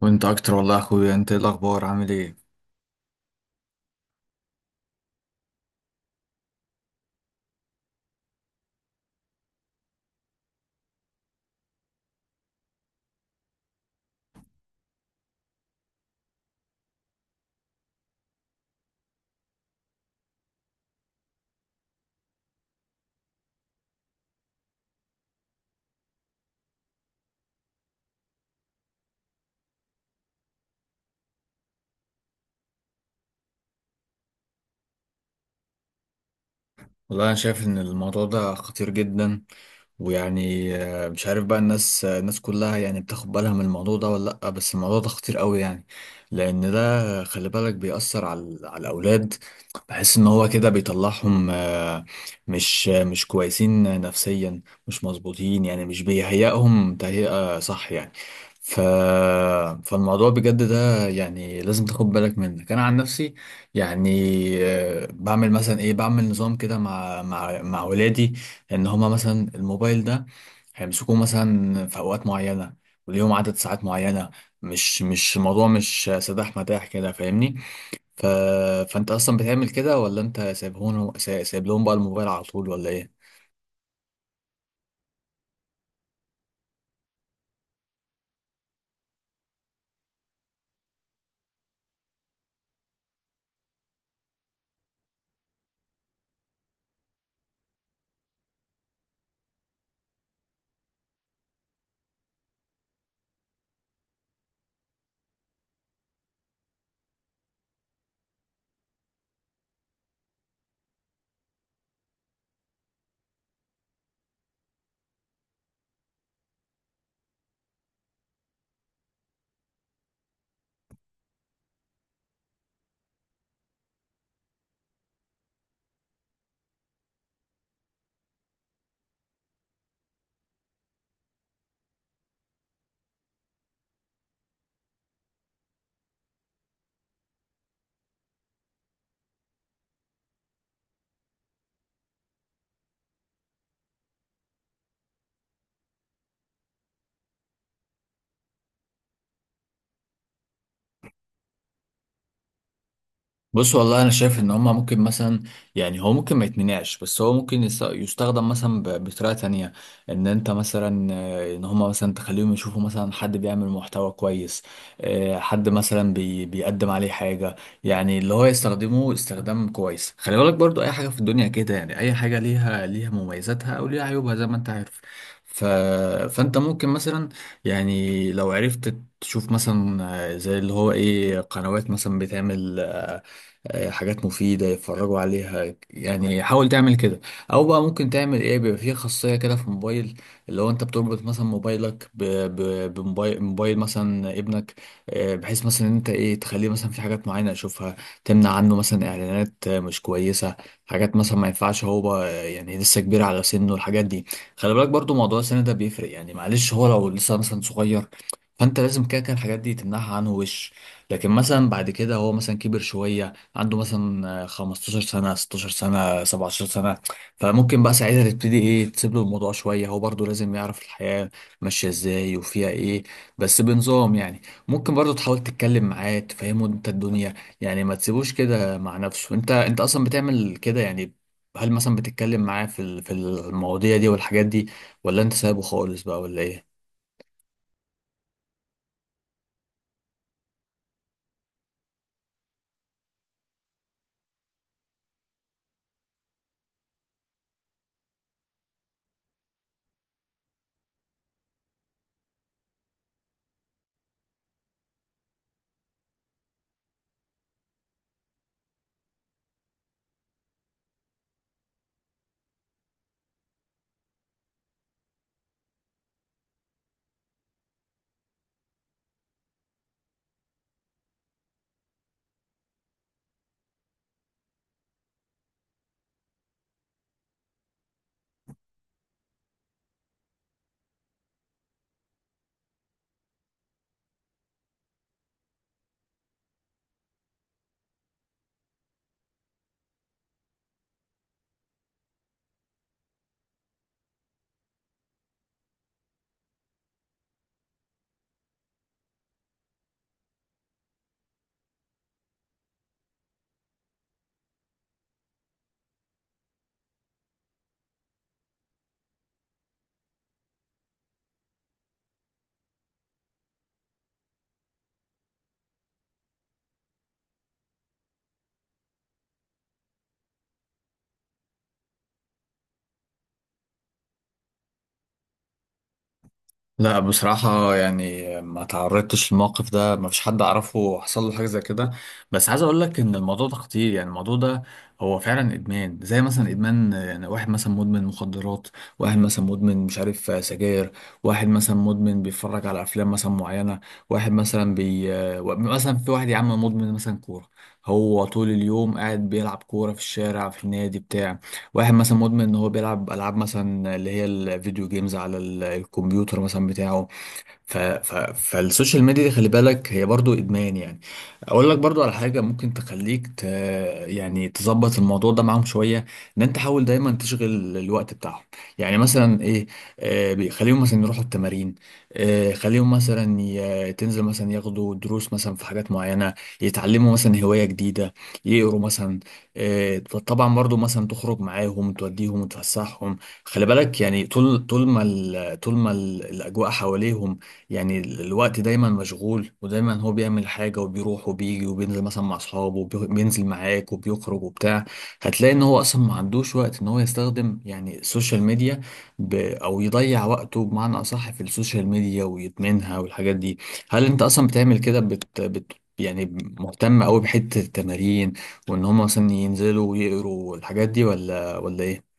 وانت اكتر والله يا اخويا. انت ايه الاخبار؟ عامل ايه؟ والله انا شايف ان الموضوع ده خطير جدا. ويعني مش عارف بقى الناس كلها يعني بتاخد بالها من الموضوع ده ولا لا، بس الموضوع ده خطير قوي يعني. لان ده، خلي بالك بيأثر على الاولاد. بحس ان هو كده بيطلعهم، مش كويسين نفسيا، مش مظبوطين يعني، مش بيهيئهم تهيئة صح يعني. ف... فالموضوع بجد ده يعني لازم تاخد بالك منك. انا عن نفسي يعني بعمل مثلا ايه، بعمل نظام كده مع ولادي. ان هما مثلا الموبايل ده هيمسكوه مثلا في اوقات معينه، وليهم عدد ساعات معينه. مش الموضوع مش سداح مداح كده، فاهمني؟ ف... فانت اصلا بتعمل كده، ولا انت سايب لهم بقى الموبايل على طول، ولا ايه؟ بص، والله انا شايف ان هما ممكن مثلا. يعني هو ممكن ما يتمنعش، بس هو ممكن يستخدم مثلا بطريقه تانية. ان انت مثلا، ان هما مثلا تخليهم يشوفوا مثلا حد بيعمل محتوى كويس. حد مثلا بيقدم عليه حاجه، يعني اللي هو يستخدمه استخدام كويس. خلي بالك برضو، اي حاجه في الدنيا كده يعني، اي حاجه ليها مميزاتها او ليها عيوبها زي ما انت عارف. ف... فانت ممكن مثلا، يعني لو عرفت تشوف مثلا، زي اللي هو ايه، قنوات مثلا بتعمل حاجات مفيدة يتفرجوا عليها. يعني حاول تعمل كده. أو بقى ممكن تعمل إيه، بيبقى فيه خاصية كده في الموبايل، اللي هو أنت بتربط مثلا موبايلك بموبايل مثلا ابنك. بحيث مثلا إن أنت إيه تخليه مثلا في حاجات معينة يشوفها، تمنع عنه مثلا إعلانات مش كويسة، حاجات مثلا ما ينفعش هو بقى يعني، لسه كبير على سنه الحاجات دي. خلي بالك برضو موضوع السن ده بيفرق يعني، معلش هو لو لسه مثلا صغير فأنت لازم كده كده الحاجات دي تمنعها عنه وش. لكن مثلا بعد كده هو مثلا كبر شوية، عنده مثلا 15 سنة، 16 سنة، 17 سنة، فممكن بقى ساعتها تبتدي ايه تسيب له الموضوع شوية. هو برضه لازم يعرف الحياة ماشية ازاي وفيها ايه، بس بنظام يعني. ممكن برضه تحاول تتكلم معاه تفهمه انت الدنيا يعني، ما تسيبوش كده مع نفسه. انت اصلا بتعمل كده يعني؟ هل مثلا بتتكلم معاه في المواضيع دي والحاجات دي، ولا انت سايبه خالص بقى، ولا ايه؟ لا، بصراحة يعني ما تعرضتش للموقف ده، ما فيش حد أعرفه حصل له حاجة زي كده. بس عايز أقول لك إن الموضوع ده خطير يعني. الموضوع ده هو فعلا إدمان، زي مثلا إدمان يعني، واحد مثلا مدمن مخدرات، واحد مثلا مدمن مش عارف سجاير، واحد مثلا مدمن بيتفرج على أفلام مثلا معينة، واحد مثلا بي آه، و- مثلا في واحد يا عم مدمن مثلا كورة، هو طول اليوم قاعد بيلعب كورة في الشارع في النادي بتاع. واحد مثلا مدمن ان هو بيلعب العاب مثلا اللي هي الفيديو جيمز على الكمبيوتر مثلا بتاعه. ف... ف... فالسوشيال ميديا دي خلي بالك هي برضو ادمان يعني. اقول لك برضو على حاجه ممكن تخليك يعني تظبط الموضوع ده معاهم شويه، ان انت حاول دايما تشغل الوقت بتاعهم. يعني مثلا ايه، بيخليهم مثلا يروحوا التمارين. خليهم مثلا تنزل مثلا ياخدوا دروس مثلا في حاجات معينه، يتعلموا مثلا هوايه جديده، يقروا مثلا. طبعا برضو مثلا تخرج معاهم توديهم وتفسحهم. خلي بالك يعني طول ما الاجواء حواليهم، يعني الوقت دايما مشغول، ودايما هو بيعمل حاجة وبيروح وبيجي وبينزل مثلا مع أصحابه وبينزل معاك وبيخرج وبتاع. هتلاقي إن هو أصلا ما عندوش وقت إن هو يستخدم يعني السوشيال ميديا، أو يضيع وقته بمعنى أصح في السوشيال ميديا ويدمنها والحاجات دي. هل أنت أصلا بتعمل كده يعني مهتم أوي بحتة التمارين، وإن هم مثلا ينزلوا ويقروا والحاجات دي، ولا إيه؟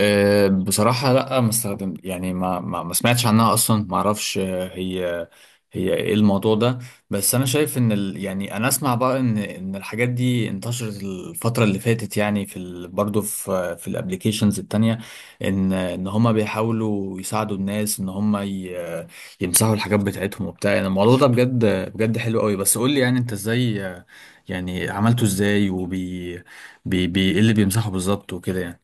أه، بصراحة لا ما استخدم يعني، ما سمعتش عنها أصلا، ما أعرفش، أه، هي هي إيه الموضوع ده؟ بس أنا شايف إن ال يعني أنا أسمع بقى إن الحاجات دي انتشرت الفترة اللي فاتت يعني، في ال برضه في في الأبليكيشنز التانية، إن هما بيحاولوا يساعدوا الناس إن هما يمسحوا الحاجات بتاعتهم وبتاع. يعني الموضوع ده بجد بجد حلو قوي. بس قول لي يعني، أنت إزاي؟ يعني عملته إزاي، وبي بي بي إيه اللي بيمسحه بالظبط وكده يعني؟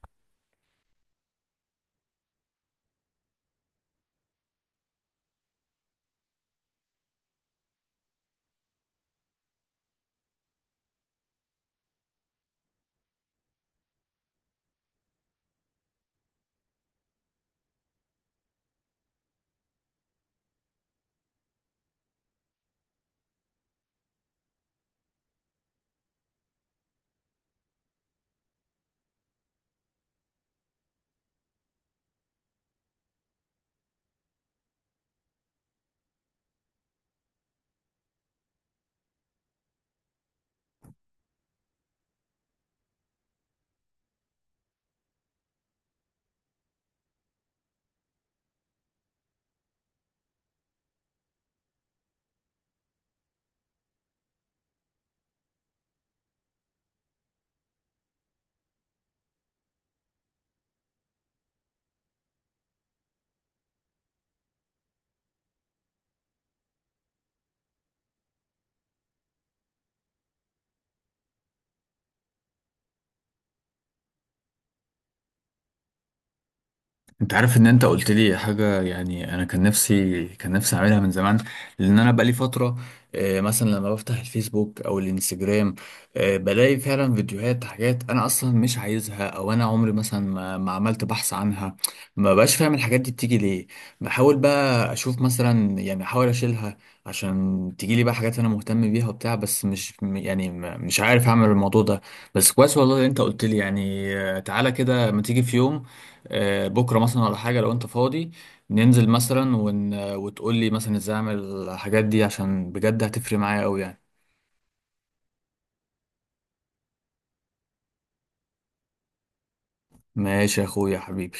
انت عارف ان انت قلت لي حاجه يعني، انا كان نفسي اعملها من زمان، لان انا بقالي فتره، مثلا لما بفتح الفيسبوك او الانستجرام، بلاقي فعلا فيديوهات، حاجات انا اصلا مش عايزها، او انا عمري مثلا ما عملت بحث عنها. ما بقاش فاهم الحاجات دي بتيجي ليه. بحاول بقى اشوف مثلا يعني، احاول اشيلها عشان تيجي لي بقى حاجات انا مهتم بيها وبتاع، بس مش يعني، مش عارف اعمل الموضوع ده. بس كويس والله انت قلت لي يعني. تعالى كده، ما تيجي في يوم، بكره مثلا ولا حاجه لو انت فاضي، ننزل مثلا وتقول لي مثلا ازاي اعمل الحاجات دي، عشان بجد هتفرق معايا قوي يعني. ماشي يا اخويا حبيبي.